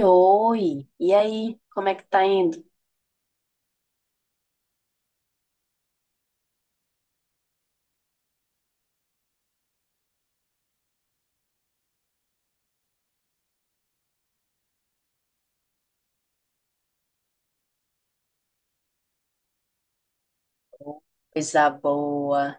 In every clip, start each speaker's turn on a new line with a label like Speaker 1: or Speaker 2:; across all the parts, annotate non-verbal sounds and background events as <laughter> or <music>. Speaker 1: Oi, e aí, como é que tá indo? Coisa boa.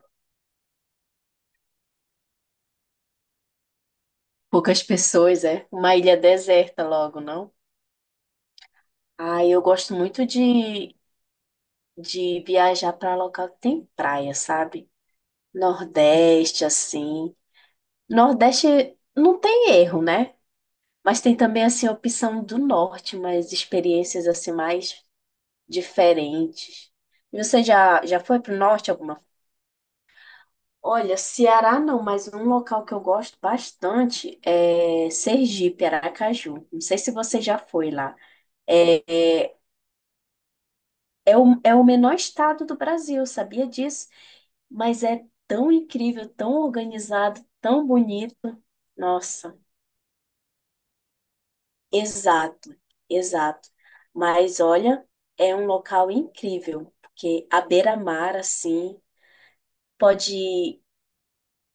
Speaker 1: Poucas pessoas, é? Uma ilha deserta logo, não? Ah, eu gosto muito de viajar para local que tem praia, sabe? Nordeste, assim. Nordeste não tem erro, né? Mas tem também, assim, a opção do norte, mas experiências, assim, mais diferentes. E Você já foi pro norte alguma. Olha, Ceará não, mas um local que eu gosto bastante é Sergipe, Aracaju. Não sei se você já foi lá. É, é, é o o menor estado do Brasil, sabia disso? Mas é tão incrível, tão organizado, tão bonito. Nossa, exato, exato. Mas olha, é um local incrível, porque a beira-mar, assim, pode,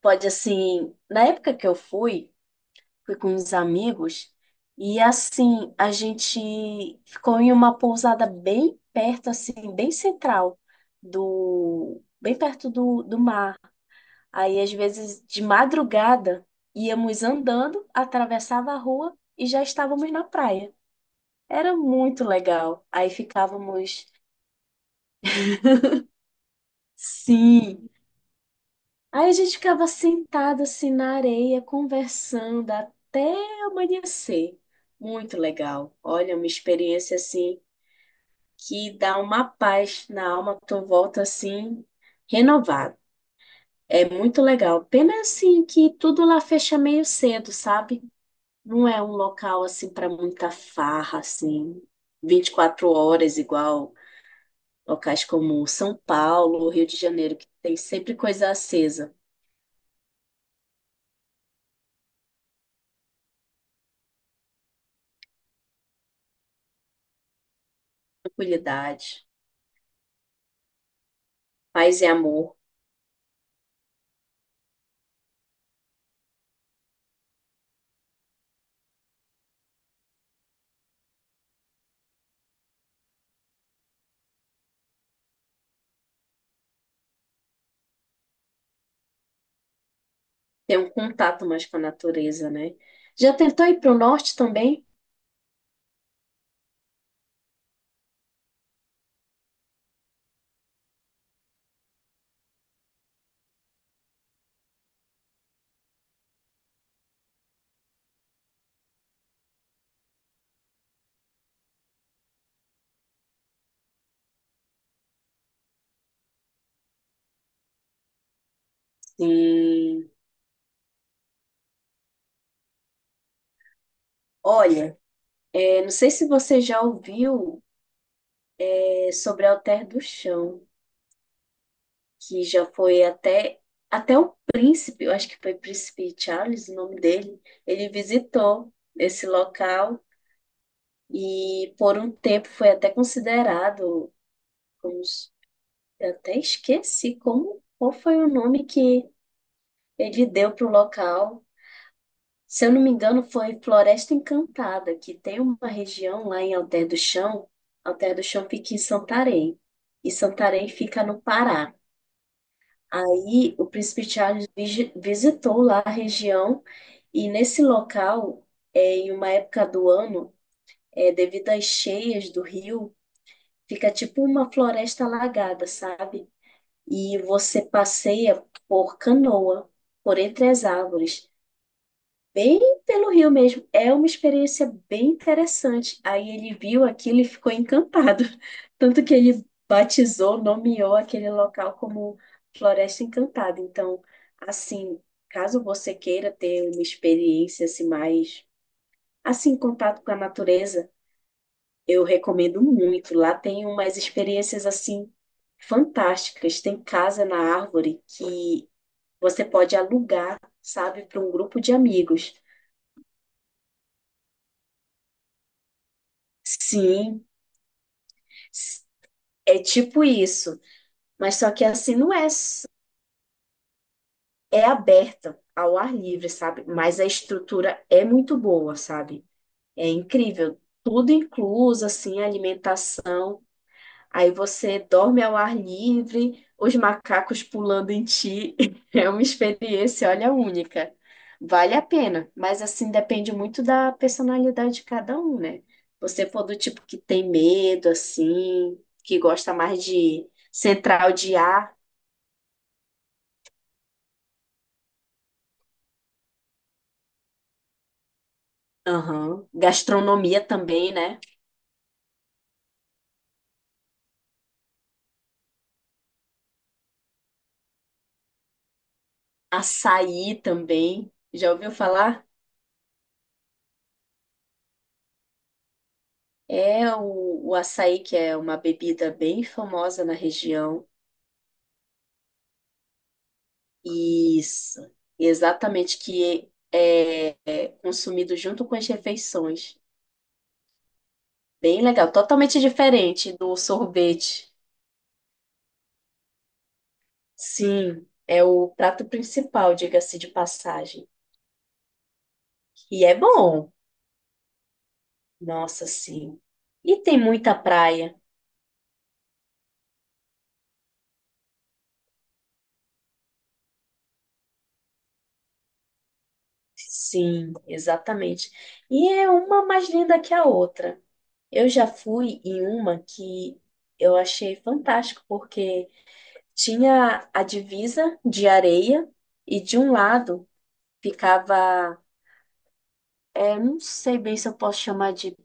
Speaker 1: pode assim. Na época que eu fui com os amigos e assim a gente ficou em uma pousada bem perto, assim, bem central bem perto do mar. Aí às vezes de madrugada íamos andando, atravessava a rua e já estávamos na praia. Era muito legal. Aí ficávamos, sim. Aí a gente ficava sentado assim na areia, conversando até amanhecer. Muito legal. Olha, uma experiência assim que dá uma paz na alma, tu volta assim, renovado. É muito legal. Pena assim que tudo lá fecha meio cedo, sabe? Não é um local assim para muita farra, assim, 24 horas, igual locais como São Paulo, Rio de Janeiro, que tem sempre coisa acesa, tranquilidade, paz e amor. Tem um contato mais com a natureza, né? Já tentou ir para o norte também? Sim. Olha, eu não sei se você já ouviu sobre o Alter do Chão, que já foi até o príncipe, eu acho que foi Príncipe Charles, o nome dele, ele visitou esse local e por um tempo foi até considerado como eu até esqueci como qual foi o nome que ele deu para o local. Se eu não me engano, foi Floresta Encantada, que tem uma região lá em Alter do Chão. Alter do Chão fica em Santarém, e Santarém fica no Pará. Aí o príncipe Charles visitou lá a região e nesse local, em uma época do ano, devido às cheias do rio, fica tipo uma floresta alagada, sabe? E você passeia por canoa, por entre as árvores. Bem pelo Rio mesmo. É uma experiência bem interessante. Aí ele viu aquilo e ficou encantado. <laughs> Tanto que ele batizou, nomeou aquele local como Floresta Encantada. Então, assim, caso você queira ter uma experiência assim mais assim em contato com a natureza, eu recomendo muito. Lá tem umas experiências assim fantásticas. Tem casa na árvore que você pode alugar, sabe, para um grupo de amigos. Sim, é tipo isso, mas só que assim não é aberta ao ar livre, sabe? Mas a estrutura é muito boa, sabe? É incrível, tudo incluso, assim, alimentação. Aí você dorme ao ar livre, os macacos pulando em ti. <laughs> É uma experiência, olha, única. Vale a pena, mas assim depende muito da personalidade de cada um, né? Você for do tipo que tem medo, assim, que gosta mais de central de ar, aham. Gastronomia também, né? Açaí também. Já ouviu falar? É o açaí, que é uma bebida bem famosa na região. Isso, exatamente, é consumido junto com as refeições. Bem legal, totalmente diferente do sorvete. Sim, é o prato principal, diga-se de passagem. E é bom, nossa, sim. E tem muita praia. Sim, exatamente. E é uma mais linda que a outra. Eu já fui em uma que eu achei fantástico, porque tinha a divisa de areia e de um lado ficava, é, não sei bem se eu posso chamar de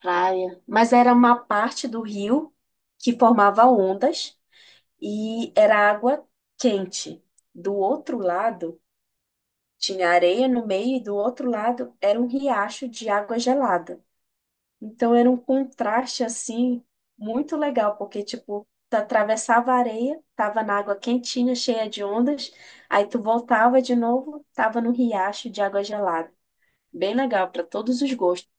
Speaker 1: praia, mas era uma parte do rio que formava ondas e era água quente. Do outro lado tinha areia no meio e do outro lado era um riacho de água gelada. Então era um contraste assim muito legal, porque tipo, tu atravessava a areia, tava na água quentinha, cheia de ondas, aí tu voltava de novo, tava no riacho de água gelada. Bem legal para todos os gostos.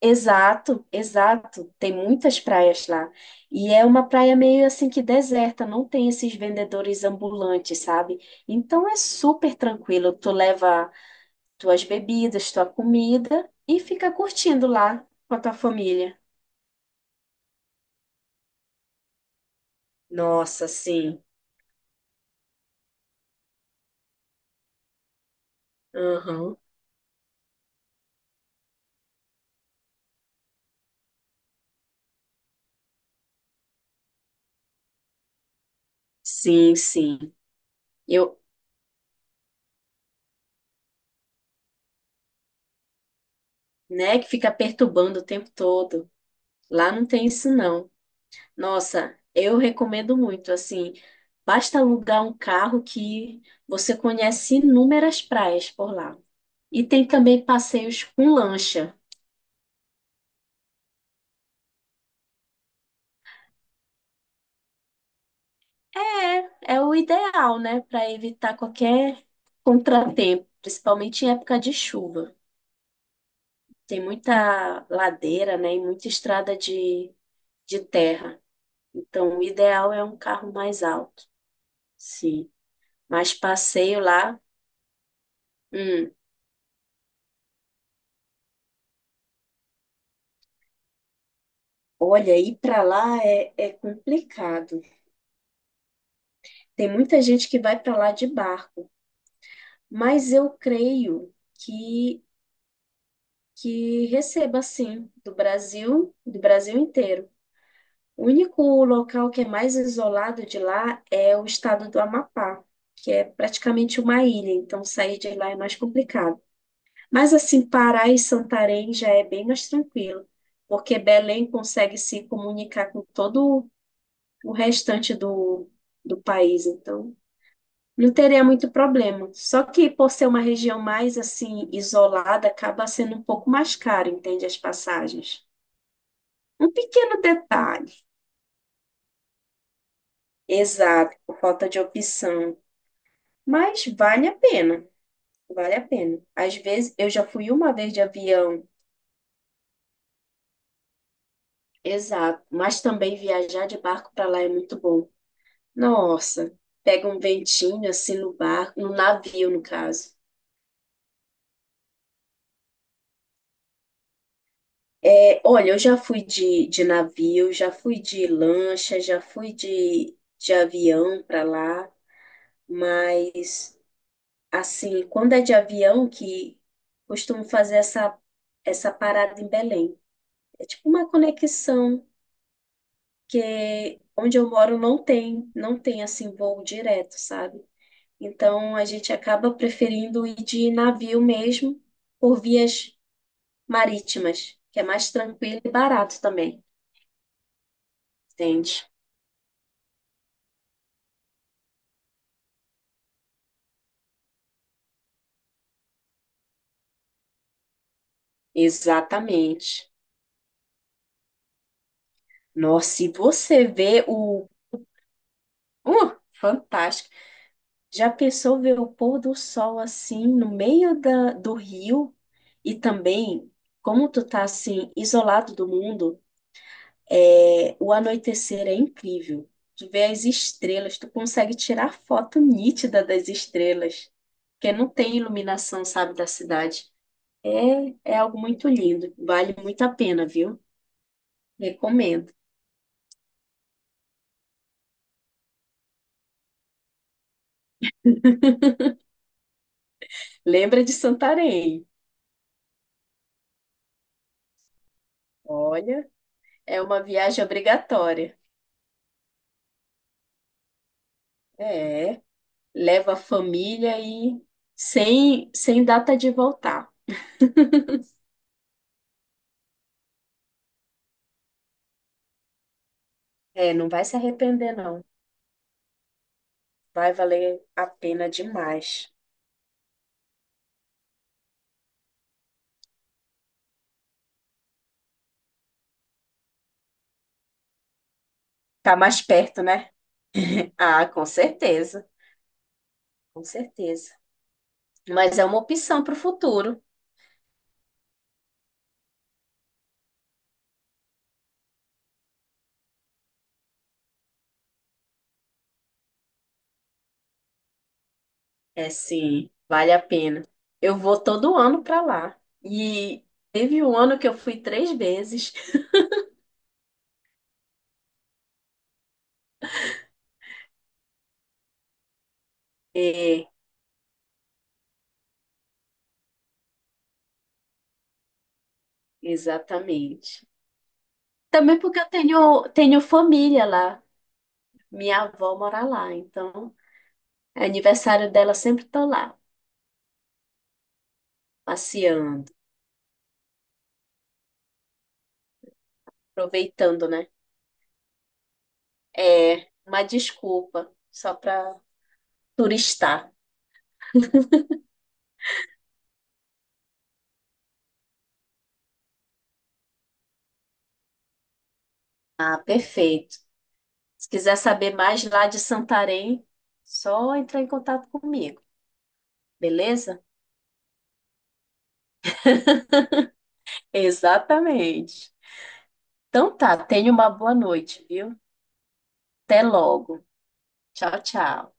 Speaker 1: Exato. Tem muitas praias lá. E é uma praia meio assim que deserta, não tem esses vendedores ambulantes, sabe? Então é super tranquilo. Tu leva tuas bebidas, tua comida e fica curtindo lá com a tua família. Nossa, sim. Aham. Sim, sim. Eu, né, que fica perturbando o tempo todo. Lá não tem isso, não. Nossa, eu recomendo muito, assim, basta alugar um carro que você conhece inúmeras praias por lá. E tem também passeios com lancha. É, é o ideal, né, para evitar qualquer contratempo, principalmente em época de chuva. Tem muita ladeira, né, e muita estrada de terra. Então, o ideal é um carro mais alto, sim. Mas passeio lá, hum, olha, ir para lá é complicado. Tem muita gente que vai para lá de barco, mas eu creio que receba sim do Brasil inteiro. O único local que é mais isolado de lá é o estado do Amapá, que é praticamente uma ilha, então sair de lá é mais complicado. Mas assim, Pará e Santarém já é bem mais tranquilo, porque Belém consegue se comunicar com todo o restante do, do país, então não teria muito problema. Só que por ser uma região mais assim isolada, acaba sendo um pouco mais caro, entende as passagens. Um pequeno detalhe, exato, por falta de opção, mas vale a pena, vale a pena. Às vezes eu já fui uma vez de avião, exato, mas também viajar de barco para lá é muito bom. Nossa, pega um ventinho assim no barco, no navio, no caso. É, olha, eu já fui de navio, já fui de lancha, já fui de avião para lá, mas assim, quando é de avião que costumo fazer essa parada em Belém. É tipo uma conexão, que onde eu moro não tem, não tem assim voo direto, sabe? Então a gente acaba preferindo ir de navio mesmo por vias marítimas, que é mais tranquilo e barato também, entende? Exatamente. Nossa, e você vê o. Fantástico. Já pensou ver o pôr do sol assim no meio do rio? E também, como tu tá assim, isolado do mundo, é, o anoitecer é incrível. Tu vê as estrelas, tu consegue tirar foto nítida das estrelas, porque não tem iluminação, sabe, da cidade. É, é algo muito lindo, vale muito a pena, viu? Recomendo. Lembra de Santarém? Olha, é uma viagem obrigatória. É, leva a família e sem data de voltar. É, não vai se arrepender, não. Vai valer a pena demais. Tá mais perto, né? Ah, com certeza, com certeza. Mas é uma opção para o futuro. É sim, vale a pena. Eu vou todo ano para lá. E teve um ano que eu fui 3 vezes. É, exatamente. Também porque eu tenho família lá. Minha avó mora lá, então é aniversário dela sempre tô lá, passeando, aproveitando, né? É uma desculpa só para turistar. Ah, perfeito. Se quiser saber mais lá de Santarém, só entrar em contato comigo, beleza? Exatamente. Então tá, tenha uma boa noite, viu? Até logo. Tchau, tchau.